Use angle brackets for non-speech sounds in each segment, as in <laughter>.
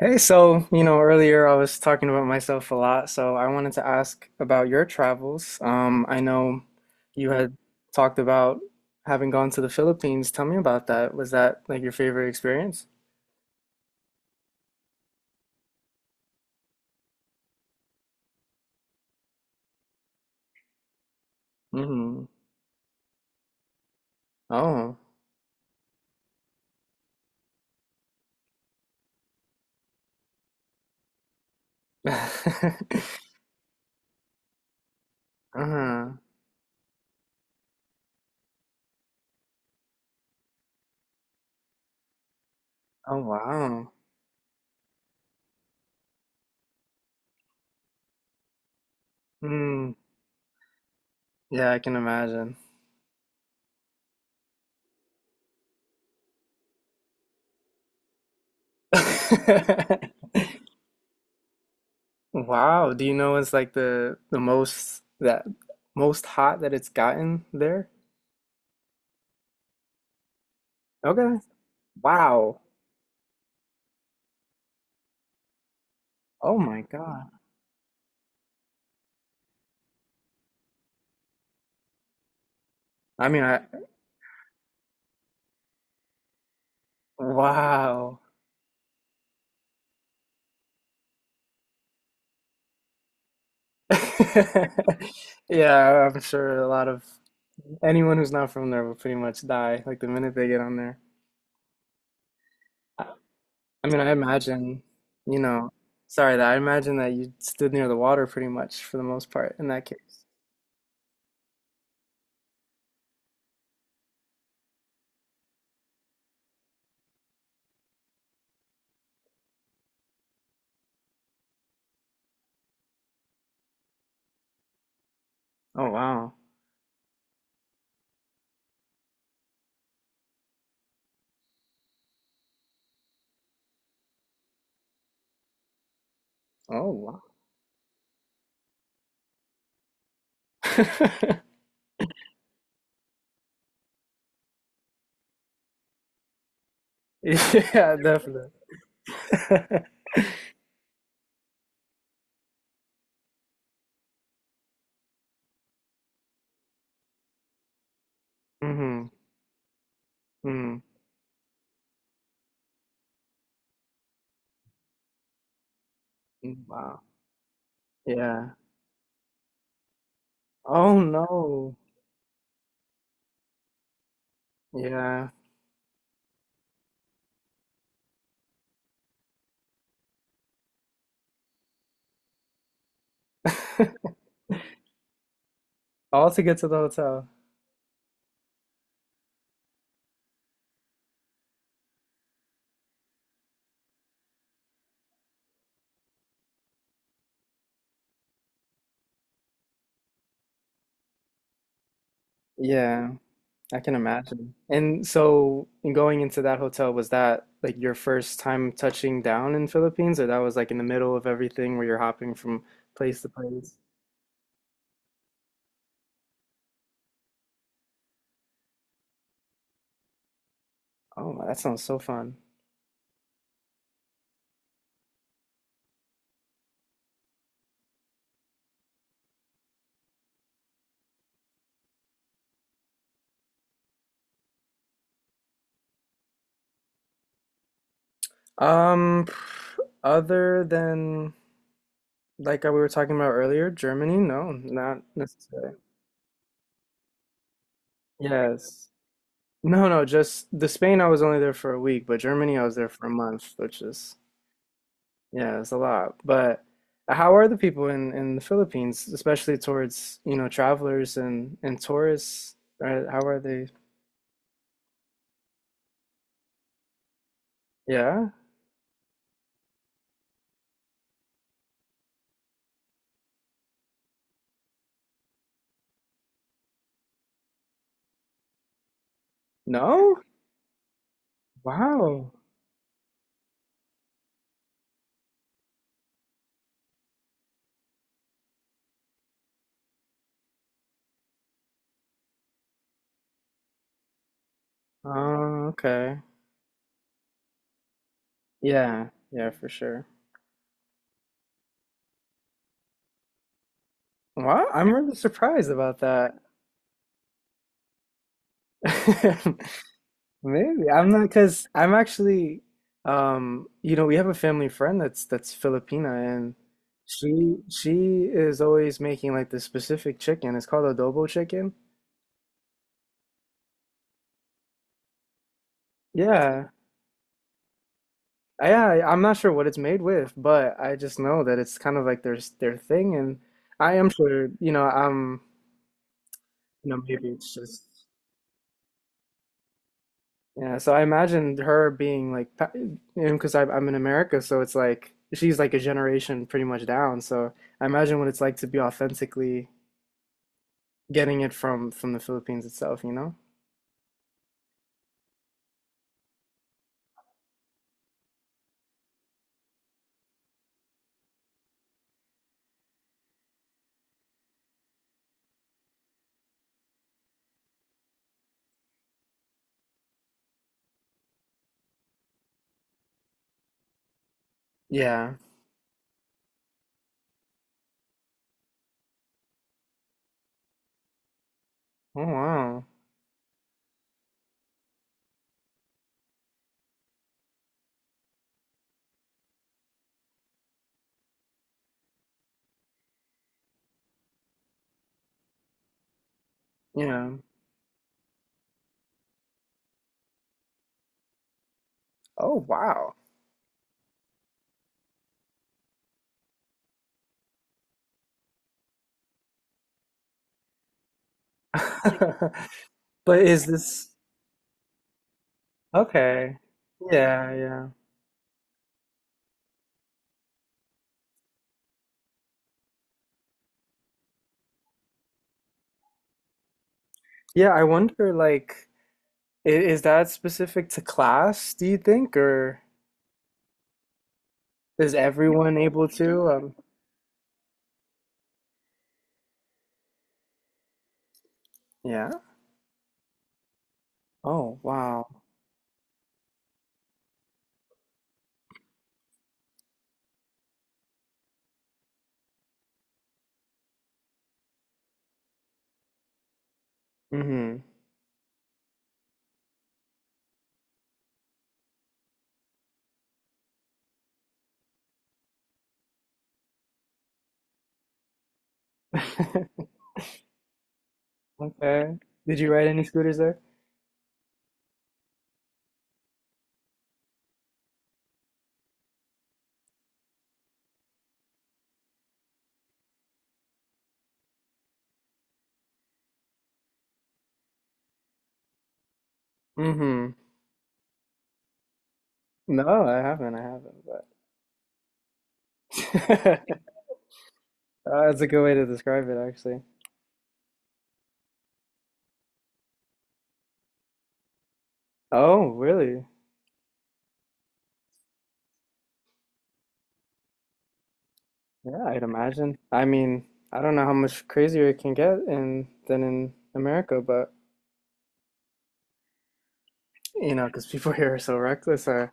Hey, so, you know, earlier I was talking about myself a lot, so I wanted to ask about your travels. I know you had talked about having gone to the Philippines. Tell me about that. Was that like your favorite experience? Mm-hmm. Oh. <laughs> Uh-huh. Oh, wow. Mm. Yeah, I can imagine. <laughs> Wow. Do you know it's like the most that most hot that it's gotten there? Okay. Wow. Oh my God. I mean, I wow. <laughs> Yeah, I'm sure a lot of anyone who's not from there will pretty much die like the minute they get on there. I, I mean, I imagine, you know, sorry that I imagine that you stood near the water pretty much for the most part in that case. Oh wow. Oh wow. <laughs> Yeah, definitely. <laughs> Hmm. Hmm. Wow. Yeah. Oh no. Yeah. <laughs> All to get to the hotel. Yeah. I can imagine. And so, in going into that hotel, was that like your first time touching down in Philippines, or that was like in the middle of everything where you're hopping from place to place? Oh, that sounds so fun. Um, Other than like we were talking about earlier, Germany? No, not necessarily. Yes. No, no, just the Spain, I was only there for a week, but Germany, I was there for a month, which is yeah, it's a lot. But how are the people in the Philippines, especially towards, you know, travelers and tourists? Are, how are they? Yeah? No? Wow. Oh, okay. Yeah. Yeah, for sure. Wow, I'm really surprised about that. <laughs> Maybe. I'm not because 'cause I'm actually you know, we have a family friend that's Filipina, and she is always making like this specific chicken. It's called adobo chicken. Yeah. Yeah, yeah, I'm not sure what it's made with, but I just know that it's kind of like their thing, and I am sure, you know, I'm, you know, maybe it's just, yeah. So I imagine her being like, you know, because I'm in America, so it's like she's like a generation pretty much down. So I imagine what it's like to be authentically getting it from the Philippines itself, you know? Yeah. Oh wow. Yeah. Oh wow. <laughs> But is this okay? Yeah, yeah. Yeah, I wonder like Is that specific to class, do you think, or is everyone able to? Yeah. Oh, wow. Mm-hmm. <laughs> Okay. Did you ride any scooters there? Mm-hmm. No, I haven't. I haven't, but <laughs> uh, that's a good way to describe it, actually. Oh, really? Yeah, I'd imagine. I mean, I don't know how much crazier it can get in than in America, but you know, because people <laughs> here are so reckless, I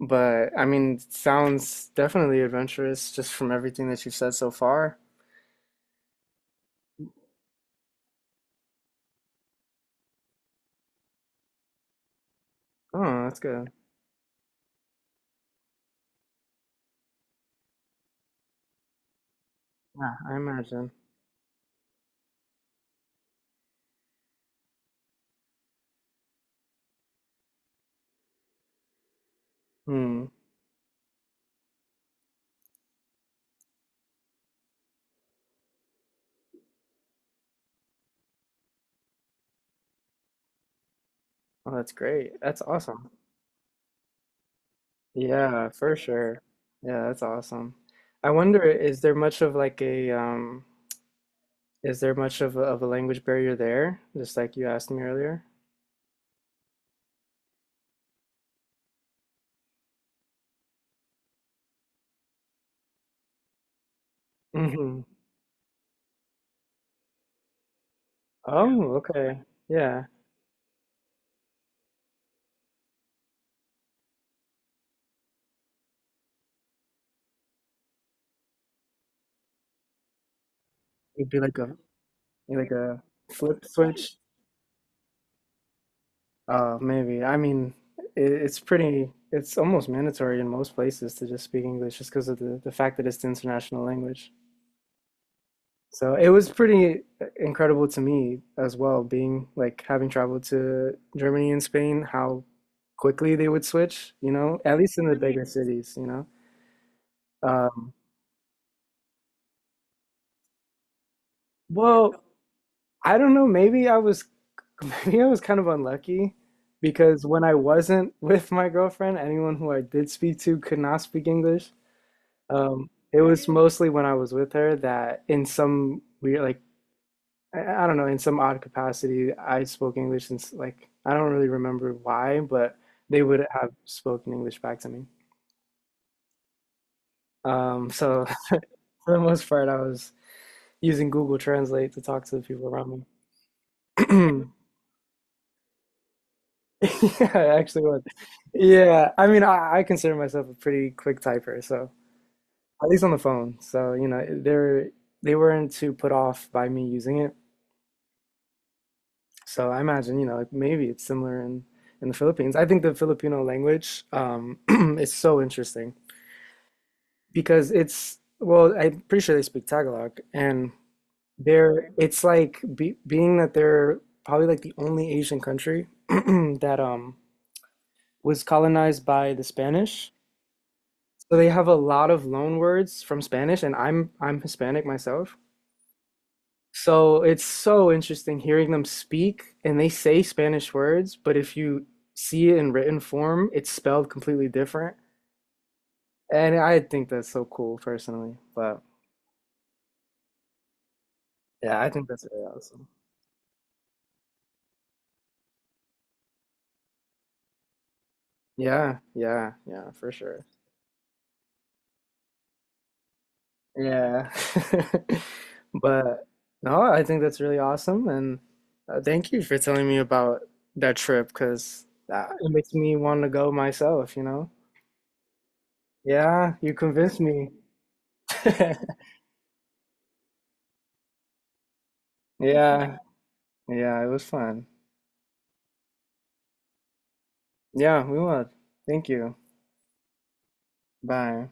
but I mean, sounds definitely adventurous just from everything that you've said so far. Oh, that's good. Yeah, I imagine. Hmm. Oh, that's great. That's awesome. Yeah, for sure. Yeah, that's awesome. I wonder, is there much of like a is there much of a language barrier there? Just like you asked me earlier. Mm-hmm. Oh, okay. Yeah. It'd be like a flip switch. Maybe. I mean, it, it's pretty, it's almost mandatory in most places to just speak English just because of the fact that it's the international language. So it was pretty incredible to me as well, being like having traveled to Germany and Spain, how quickly they would switch, you know, at least in the bigger cities, you know. Um, well, I don't know, maybe I was <laughs> maybe I was kind of unlucky because when I wasn't with my girlfriend, anyone who I did speak to could not speak English. It was mostly when I was with her that in some weird, like, I don't know, in some odd capacity, I spoke English since, like, I don't really remember why, but they would have spoken English back to me. So <laughs> for the most part, I was using Google Translate to talk to the people around me. <clears throat> <laughs> Yeah, I actually was. Yeah, I mean, I consider myself a pretty quick typer, so at least on the phone. So, you know, they weren't too put off by me using it. So I imagine, you know, like, maybe it's similar in the Philippines. I think the Filipino language <clears throat> is so interesting because it's well, I'm pretty sure they speak Tagalog, and they're it's like being that they're probably like the only Asian country <clears throat> that was colonized by the Spanish. So they have a lot of loan words from Spanish, and I'm Hispanic myself, so it's so interesting hearing them speak, and they say Spanish words, but if you see it in written form, it's spelled completely different. And I think that's so cool personally. But yeah, I think that's really awesome. Yeah, yeah, yeah, for sure. Yeah. <laughs> But no, I think that's really awesome. And thank you for telling me about that trip because that it makes me want to go myself, you know? Yeah, you convinced me. <laughs> Yeah. Yeah, it was fun. Yeah, we will. Thank you. Bye.